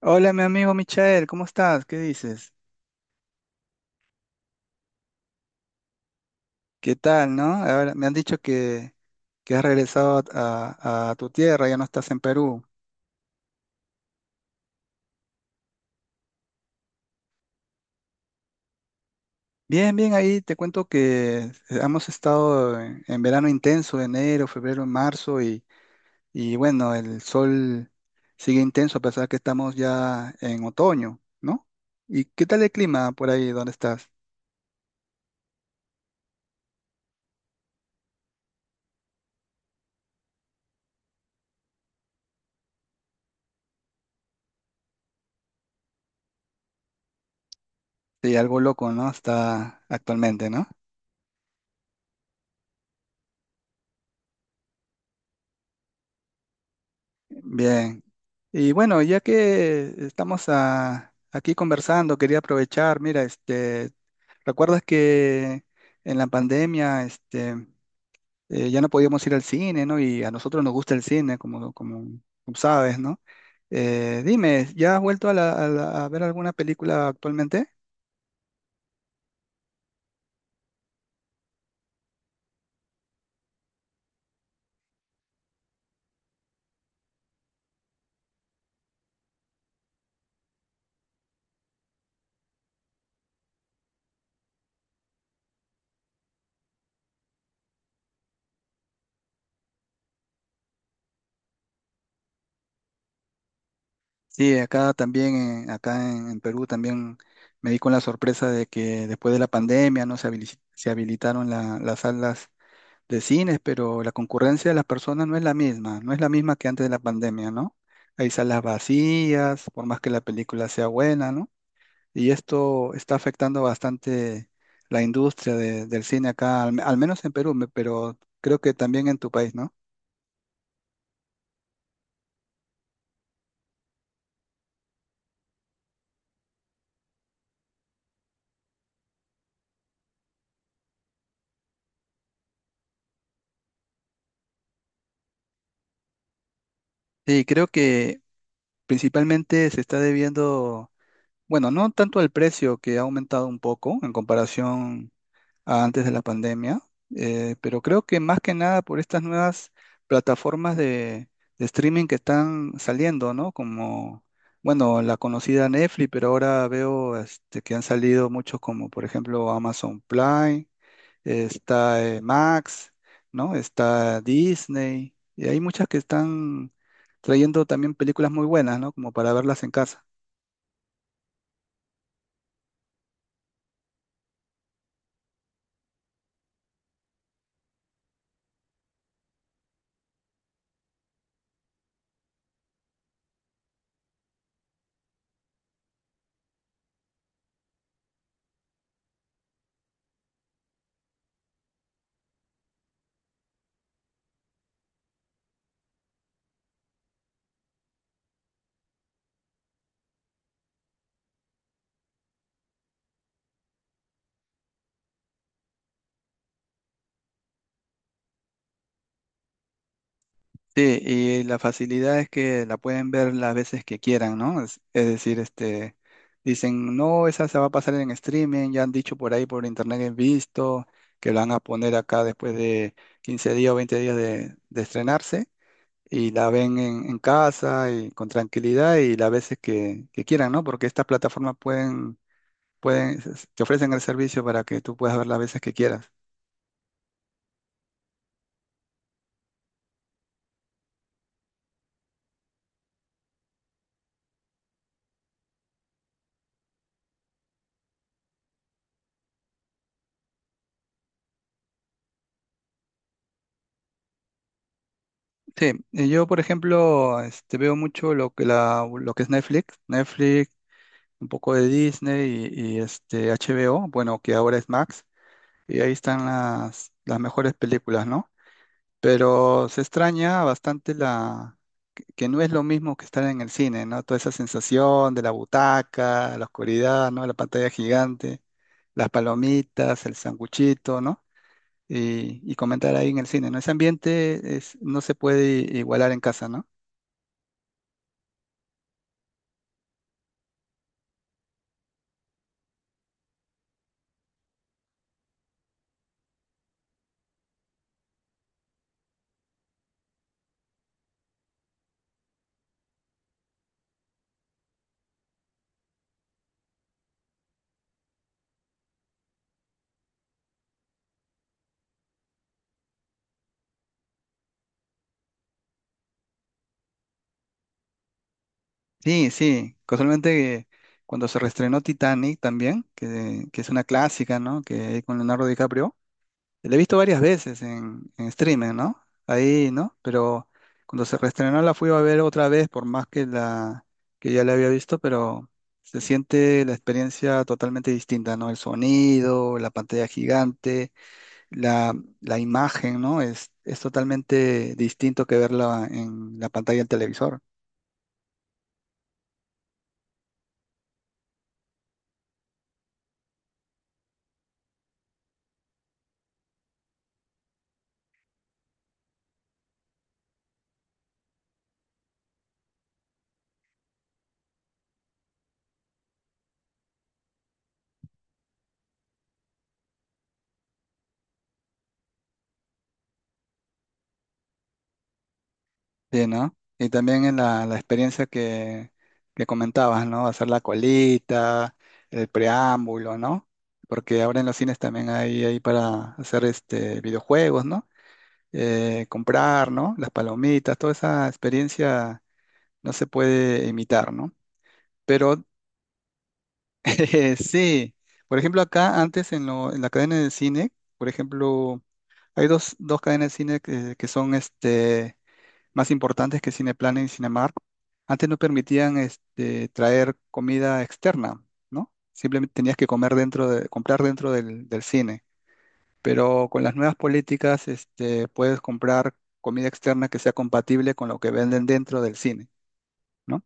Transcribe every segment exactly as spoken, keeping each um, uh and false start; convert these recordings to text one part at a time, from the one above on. Hola, mi amigo Michael, ¿cómo estás? ¿Qué dices? ¿Qué tal, no? Ahora me han dicho que, que has regresado a, a- a tu tierra, ya no estás en Perú. Bien, bien, ahí te cuento que hemos estado en, en verano intenso, enero, febrero, marzo, y, y bueno, el sol sigue intenso a pesar que estamos ya en otoño, ¿no? ¿Y qué tal el clima por ahí donde estás? Sí, algo loco, ¿no? Está actualmente, ¿no? Bien. Y bueno, ya que estamos ah, aquí conversando, quería aprovechar, mira, este, ¿recuerdas que en la pandemia, este, eh, ya no podíamos ir al cine, ¿no? Y a nosotros nos gusta el cine, como, como, como sabes, ¿no? Eh, dime, ¿ya has vuelto a, la- a la- a ver alguna película actualmente? Sí, acá también, eh, acá en, en Perú también me di con la sorpresa de que después de la pandemia, ¿no? Se habili- se habilitaron la- las salas de cines, pero la concurrencia de las personas no es la misma, no es la misma que antes de la pandemia, ¿no? Hay salas vacías, por más que la película sea buena, ¿no? Y esto está afectando bastante la industria de- del cine acá, al, al menos en Perú, me- pero creo que también en tu país, ¿no? Sí, creo que principalmente se está debiendo, bueno, no tanto al precio que ha aumentado un poco en comparación a antes de la pandemia, eh, pero creo que más que nada por estas nuevas plataformas de, de streaming que están saliendo, ¿no? Como, bueno, la conocida Netflix, pero ahora veo este, que han salido muchos como, por ejemplo, Amazon Prime, eh, está eh, Max, ¿no? Está Disney, y hay muchas que están trayendo también películas muy buenas, ¿no? Como para verlas en casa. Sí, y la facilidad es que la pueden ver las veces que quieran, ¿no? Es, es decir, este, dicen, no, esa se va a pasar en streaming, ya han dicho por ahí por internet que he visto, que la van a poner acá después de quince días o veinte días de, de estrenarse, y la ven en, en casa y con tranquilidad y las veces que, que quieran, ¿no? Porque estas plataformas pueden, pueden, te ofrecen el servicio para que tú puedas ver las veces que quieras. Sí, eh, yo por ejemplo este, veo mucho lo que, la, lo que es Netflix. Netflix un poco de Disney y, y, este H B O, bueno, que ahora es Max, y ahí están las, las mejores películas, ¿no? Pero se extraña bastante la que no es lo mismo que estar en el cine, ¿no? Toda esa sensación de la butaca, la oscuridad, ¿no? La pantalla gigante, las palomitas, el sanguchito, ¿no? Y, y comentar ahí en el cine, ¿no? Ese ambiente es, no se puede igualar en casa, ¿no? Sí, sí, casualmente que cuando se reestrenó Titanic también, que, que es una clásica, ¿no? Que hay con Leonardo DiCaprio, la he visto varias veces en, en streaming, ¿no? Ahí, ¿no? Pero cuando se reestrenó la fui a ver otra vez, por más que la que ya la había visto, pero se siente la experiencia totalmente distinta, ¿no? El sonido, la pantalla gigante, la, la imagen, ¿no? Es, es totalmente distinto que verla en la pantalla del televisor. Sí, ¿no? Y también en la, la experiencia que, que comentabas, ¿no? Hacer la colita, el preámbulo, ¿no? Porque ahora en los cines también hay, hay para hacer este videojuegos, ¿no? Eh, comprar, ¿no? Las palomitas, toda esa experiencia no se puede imitar, ¿no? Pero eh, sí, por ejemplo, acá antes en, lo- en la cadena de cine, por ejemplo, hay dos, dos cadenas de cine que, que son este más importantes que Cineplanet y Cinemark, antes no permitían este, traer comida externa, ¿no? Simplemente tenías que comer dentro de, comprar dentro del, del cine. Pero con las nuevas políticas, este, puedes comprar comida externa que sea compatible con lo que venden dentro del cine, ¿no?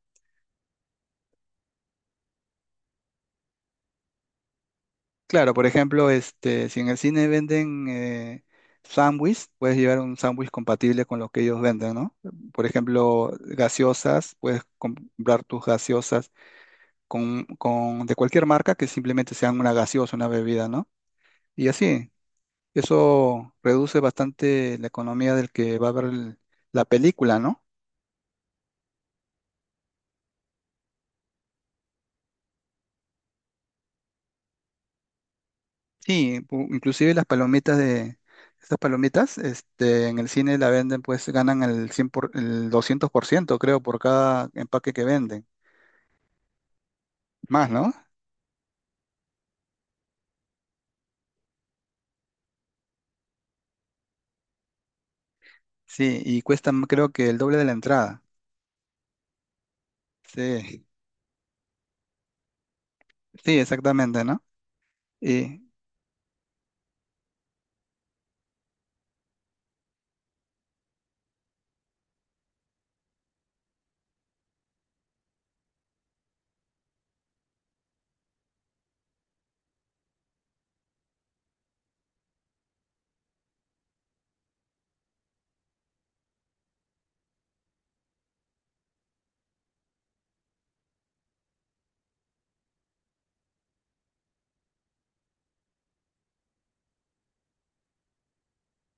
Claro, por ejemplo, este, si en el cine venden eh, sándwich, puedes llevar un sándwich compatible con lo que ellos venden, ¿no? Por ejemplo, gaseosas, puedes comprar tus gaseosas con, con- de cualquier marca que simplemente sean una gaseosa, una bebida, ¿no? Y así, eso reduce bastante la economía del que va a ver el- la película, ¿no? Sí, pu- inclusive las palomitas de, estas palomitas, este, en el cine la venden, pues ganan el cien por, el doscientos por ciento creo, por cada empaque que venden. Más, ¿no? Sí, y cuestan creo que el doble de la entrada. Sí, sí, exactamente, ¿no?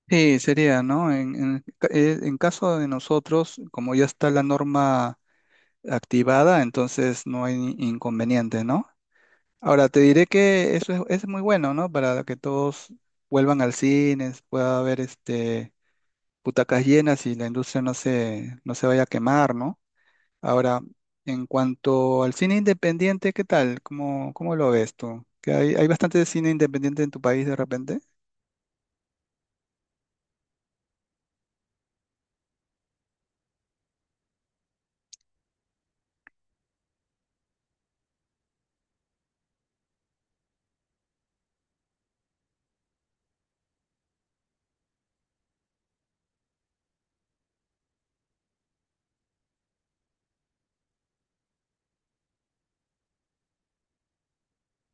Sí, sería, ¿no? En, en, ca- eh, en caso de nosotros, como ya está la norma activada, entonces no hay ni- inconveniente, ¿no? Ahora, te diré que eso es, es muy bueno, ¿no? Para que todos vuelvan al cine, pueda haber este, butacas llenas y la industria no se, no se vaya a quemar, ¿no? Ahora, en cuanto al cine independiente, ¿qué tal? ¿Cómo, cómo lo ves tú? ¿Que hay, hay bastante cine independiente en tu país de repente?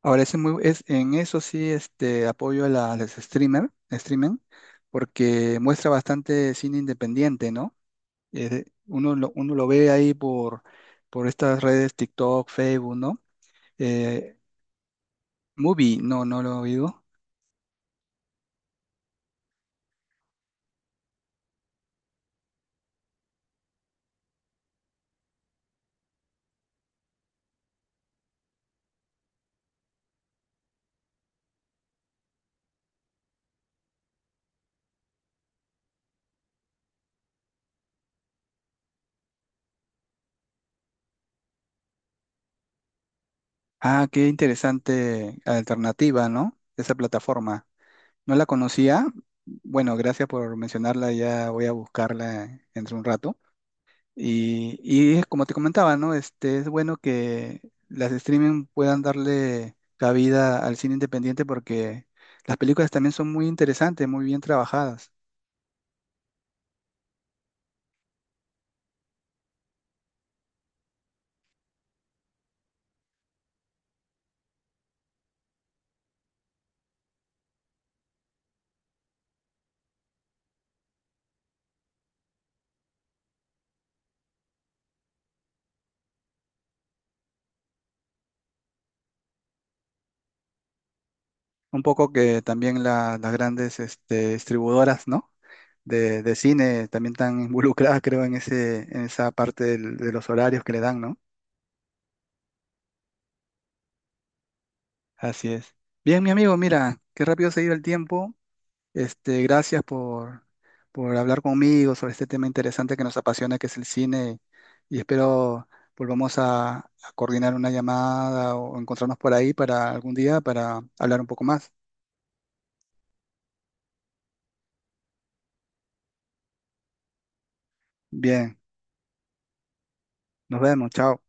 Ahora, ese muy, es, en eso sí este, apoyo a la- a los streamer, streaming, porque muestra bastante cine independiente, ¿no? Eh, uno, lo, uno lo ve ahí por, por estas redes TikTok, Facebook, ¿no? Eh, Movie, no, no lo he oído. Ah, qué interesante alternativa, ¿no? Esa plataforma. No la conocía. Bueno, gracias por mencionarla, ya voy a buscarla entre un rato. Y, y es como te comentaba, ¿no? Este, es bueno que las streaming puedan darle cabida al cine independiente porque las películas también son muy interesantes, muy bien trabajadas. Un poco que también la- las grandes este, distribuidoras, ¿no? De, de cine también están involucradas, creo, en ese, en esa parte del- de los horarios que le dan, ¿no? Así es. Bien, mi amigo, mira, qué rápido se ha ido el tiempo. Este, gracias por, por hablar conmigo sobre este tema interesante que nos apasiona, que es el cine, y espero volvamos a, a coordinar una llamada o encontrarnos por ahí para algún día para hablar un poco más. Bien, nos vemos, chao.